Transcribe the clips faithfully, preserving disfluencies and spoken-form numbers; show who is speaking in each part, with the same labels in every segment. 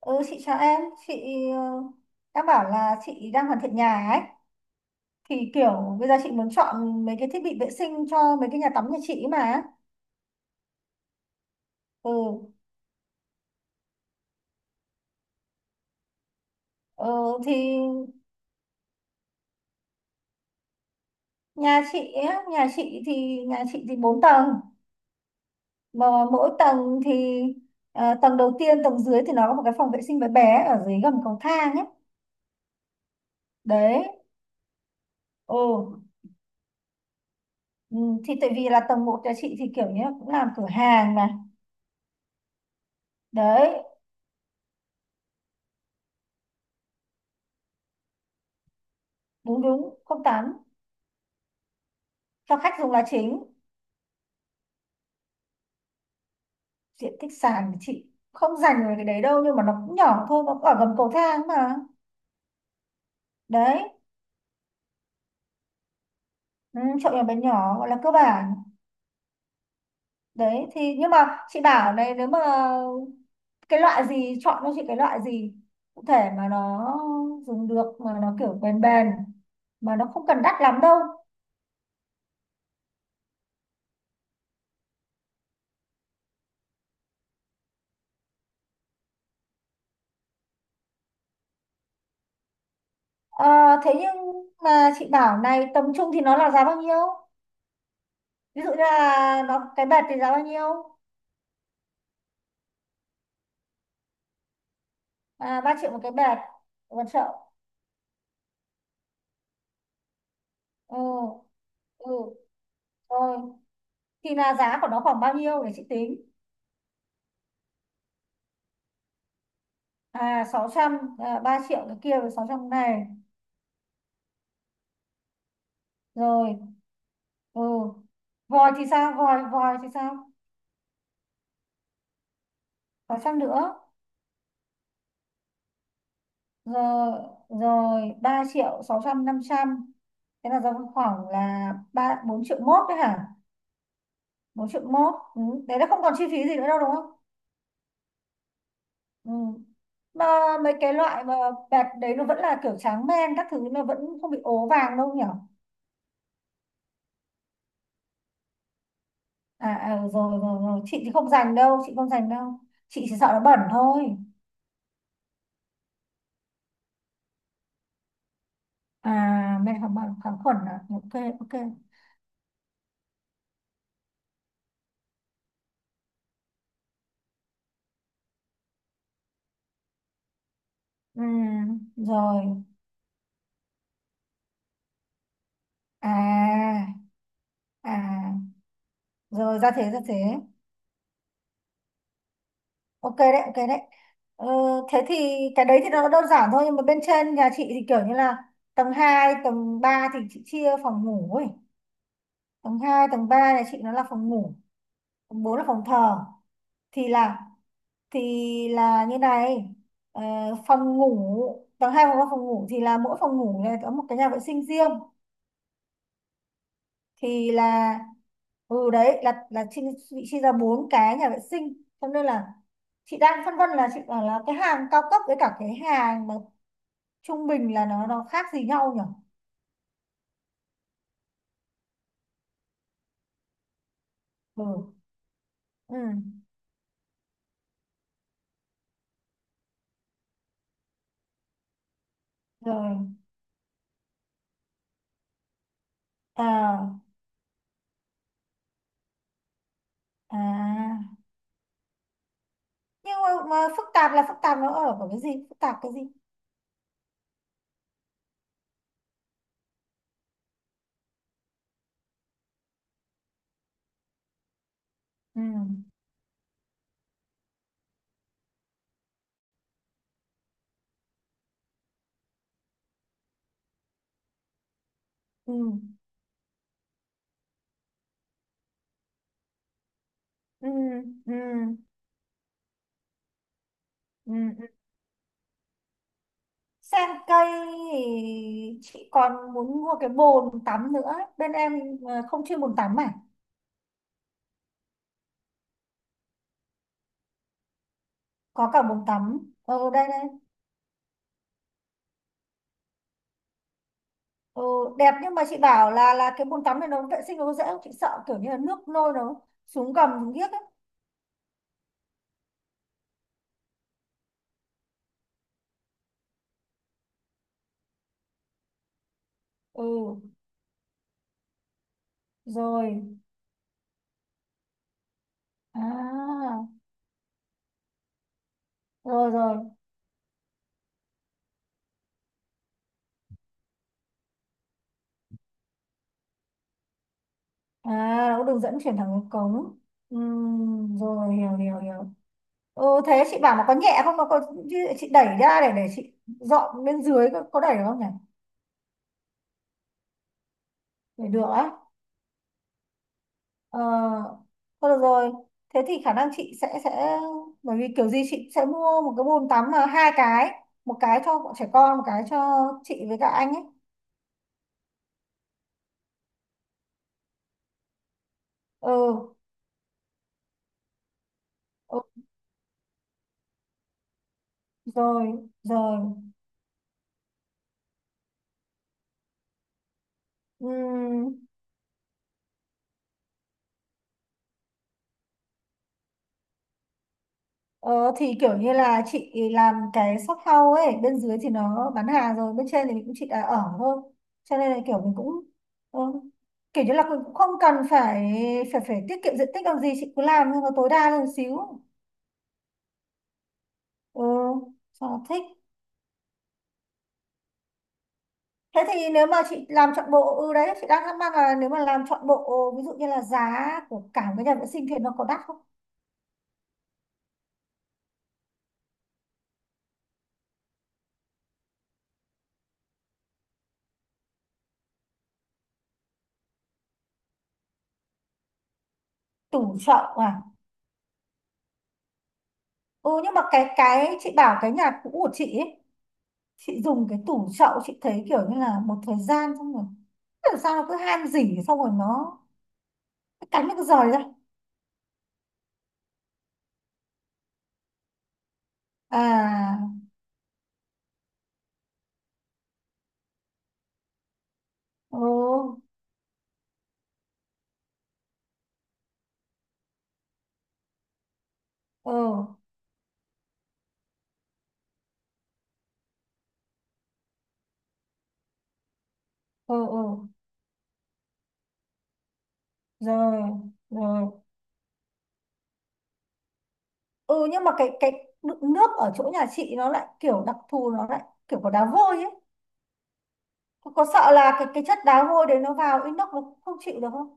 Speaker 1: Ừ, chị chào em, chị ờ, đã bảo là chị đang hoàn thiện nhà ấy thì kiểu bây giờ chị muốn chọn mấy cái thiết bị vệ sinh cho mấy cái nhà tắm nhà chị ấy mà. Ừ, ờ, thì nhà chị ấy, nhà chị thì nhà chị thì bốn tầng mà mỗi tầng thì, ờ, tầng đầu tiên tầng dưới thì nó có một cái phòng vệ sinh bé bé ở dưới gầm cầu thang ấy. Đấy. Ừ. Ừ, thì tại vì là tầng một nhà chị thì kiểu như là cũng làm cửa hàng mà. Đấy, đúng đúng, không tắm, cho khách dùng là chính. Diện tích sàn của chị không dành về cái đấy đâu, nhưng mà nó cũng nhỏ thôi, nó cũng ở gầm cầu thang mà. Đấy, ừ, chậu nhỏ bé nhỏ gọi là cơ bản. Đấy thì nhưng mà chị bảo này, nếu mà cái loại gì chọn cho chị, cái loại gì cụ thể mà nó dùng được mà nó kiểu bền bền mà nó không cần đắt lắm đâu. Ờ, thế nhưng mà chị bảo này, tầm trung thì nó là giá bao nhiêu, ví dụ như là nó cái bệt thì giá bao nhiêu? À, ba triệu một cái bệt, còn chậu. Ừ, ừ, rồi, thì là giá của nó khoảng bao nhiêu để chị tính? À, sáu trăm à, ba triệu cái kia rồi sáu trăm này rồi. Ừ, vòi thì sao, vòi vòi thì sao? sáu trăm nữa, rồi, rồi, ba triệu sáu trăm năm trăm, thế là ra khoảng là ba bốn triệu mốt đấy hả? Bốn triệu mốt, ừ. Đấy là không còn chi phí gì nữa đâu, đúng không? Ừ. Mà mấy cái loại mà bẹt đấy nó vẫn là kiểu tráng men các thứ, nó vẫn không bị ố vàng đâu nhỉ? À, à rồi, rồi rồi, chị thì không dành đâu, chị không dành đâu, chị chỉ sợ nó bẩn thôi. À, men kháng bẩn kháng khuẩn à, ok, ok. Ừ, rồi. À, à rồi, ra thế, ra thế. Ok đấy, ok đấy. Ừ, thế thì cái đấy thì nó đơn giản thôi, nhưng mà bên trên nhà chị thì kiểu như là tầng hai tầng ba thì chị chia phòng ngủ ấy. Tầng hai tầng ba nhà chị nó là phòng ngủ, tầng bốn là phòng thờ. Thì là, thì là như này, ờ, phòng ngủ tầng hai có phòng ngủ thì là mỗi phòng ngủ này có một cái nhà vệ sinh riêng. Thì là, ừ, đấy là là chi, bị chia ra bốn cái nhà vệ sinh, cho nên là chị đang phân vân, là chị bảo là cái hàng cao cấp với cả cái hàng mà trung bình là nó nó khác gì nhau nhỉ? Ừ. Ừ. Rồi. À. À, nhưng mà, mà phức tạp là phức tạp nó ở cái gì, phức tạp cái gì? Ừ. Ừ. Ừ. Ừ. Ừ. Sen cây thì chị còn muốn mua cái bồn tắm nữa. Bên em, ờ, không chuyên bồn tắm à? Có cả bồn tắm. Ừ, đây đây. Ừ, đẹp nhưng mà chị bảo là là cái bồn tắm này nó vệ sinh nó có dễ không? Chị sợ kiểu như là nước nôi nó xuống gầm xuống giếc ấy. Ừ, rồi. À rồi rồi. À, nó có đường dẫn chuyển thẳng vào cống. Ừ, rồi, hiểu hiểu hiểu. Ừ, thế chị bảo nó có nhẹ không? Nó có, chị đẩy ra để để chị dọn bên dưới, có, có đẩy được không nhỉ? Để được á? Ờ, thôi được rồi. Thế thì khả năng chị sẽ sẽ bởi vì kiểu gì chị sẽ mua một cái bồn tắm mà hai cái, một cái cho bọn trẻ con, một cái cho chị với cả anh ấy. Ừ, ừ, rồi, rồi. Ừm, ờ, thì kiểu như là chị làm cái shop house ấy, bên dưới thì nó bán hàng rồi, bên trên thì mình cũng chỉ là ở thôi. Cho nên là kiểu mình cũng, ừ, kiểu như là cũng cũng không cần phải phải phải tiết kiệm diện tích làm gì, chị cứ làm nhưng mà tối đa lên một xíu. Ừ, cho nó thích. Thế thì nếu mà chị làm trọn bộ, ừ, đấy chị đang thắc mắc là nếu mà làm trọn bộ, ví dụ như là giá của cả cái nhà vệ sinh thì nó có đắt không? Tủ chậu à? Ừ, nhưng mà cái cái chị bảo cái nhà cũ của chị ấy, chị dùng cái tủ chậu chị thấy kiểu như là một thời gian xong rồi, làm sao nó cứ han rỉ xong rồi nó cái cánh nó cứ rời ra. À. Ừ. Ừ. Ừ. Ừ, rồi rồi. Ừ, nhưng mà cái cái đựng nước ở chỗ nhà chị nó lại kiểu đặc thù, nó lại kiểu có đá vôi ấy. Có sợ là cái cái chất đá vôi đấy nó vào inox nó không chịu được không?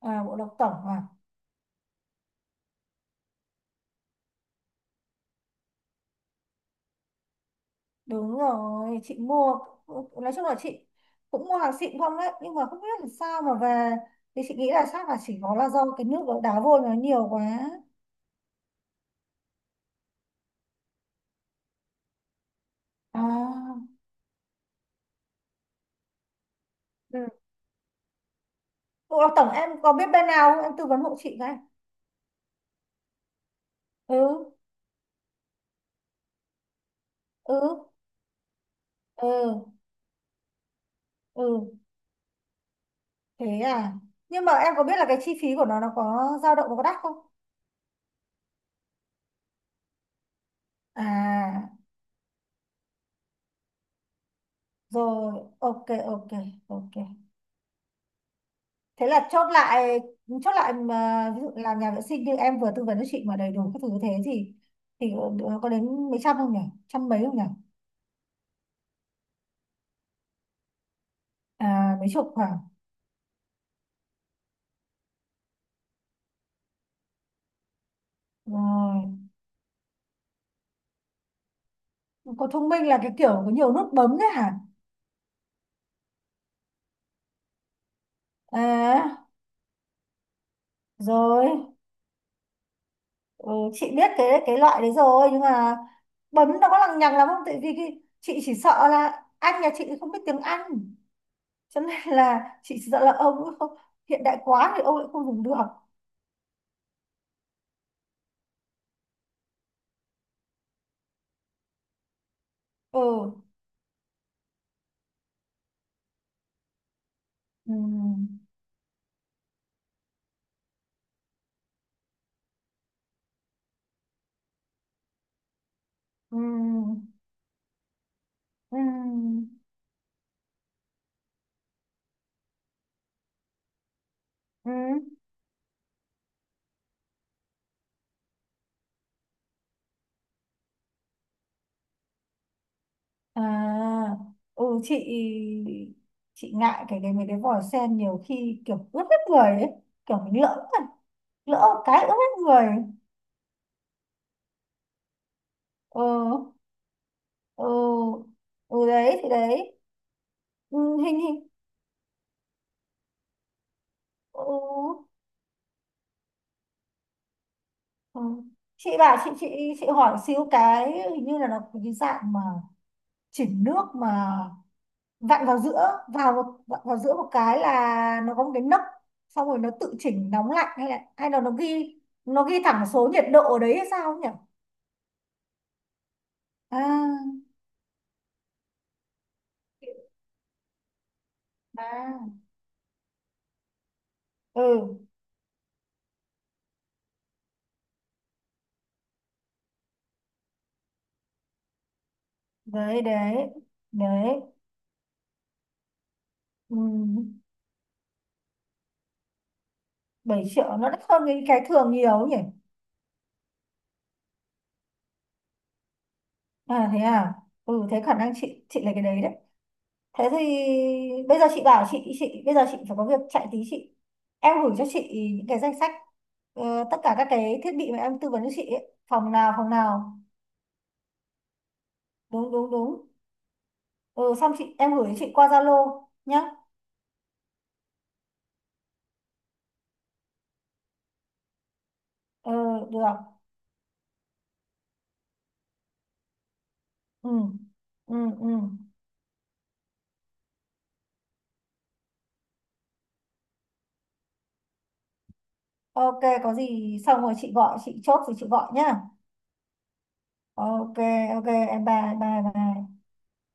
Speaker 1: À, bộ độc tổng à? Đúng rồi, chị mua, nói chung là chị cũng mua hàng xịn không đấy, nhưng mà không biết là sao mà về, thì chị nghĩ là chắc là chỉ có là do cái nước ở đá vôi nó nhiều quá. À. Ừ. Bộ độc tổng em có biết bên nào không? Em tư vấn hộ chị cái. Ừ, ừ, ừ, ừ. Thế à. Nhưng mà em có biết là cái chi phí của nó nó có dao động, nó có đắt không? À, rồi, ok, ok, ok. Thế là chốt lại, chốt lại mà ví dụ là nhà vệ sinh như em vừa tư vấn cho chị mà đầy đủ các thứ như thế thì thì có đến mấy trăm không nhỉ, trăm mấy không nhỉ? À, mấy chục, khoảng. Rồi. Có thông minh là cái kiểu có nhiều nút bấm đấy hả? À, rồi. Ừ, chị biết cái cái loại đấy rồi, nhưng mà bấm nó có lằng nhằng lắm không, tại vì cái, chị chỉ sợ là anh nhà chị không biết tiếng Anh, cho nên là chị chỉ sợ là ông ấy không, hiện đại quá thì ông lại không dùng được. Ừ, ừ. Ừ. Ừ. Ừ. À. Ừ, chị chị ngại cái cái mấy cái vòi sen nhiều khi kiểu ướt hết người ấy, kiểu mình lỡ rồi, lỡ một cái ướt hết người. Ừ. Ừ. Ừ, đấy thì đấy. Ừ, hình hình. Ừ, ừ. Chị bảo chị chị chị hỏi xíu cái, hình như là nó có cái dạng mà chỉnh nước mà vặn vào giữa vào một vặn vào giữa một cái là nó có một cái nấc xong rồi nó tự chỉnh nóng lạnh, hay là hay là nó ghi, nó ghi thẳng số nhiệt độ ở đấy hay sao nhỉ? À, à. Ừ, đấy đấy đấy. Ừ, bảy triệu nó đắt hơn cái cái thường nhiều nhỉ? À thế à. Ừ, thế khả năng chị chị lấy cái đấy đấy. Thế thì bây giờ chị bảo chị chị bây giờ chị phải có việc chạy tí, chị, em gửi cho chị những cái danh sách, ờ, tất cả các cái thiết bị mà em tư vấn cho chị ấy. Phòng nào phòng nào. Đúng đúng đúng. Ừ, xong chị, em gửi cho chị qua Zalo nhá. Ừ, được. Ừ, ừ, ừ. Ok, có gì xong rồi chị gọi, chị chốt rồi chị gọi nhá. Ok, ok, em bye bye bye.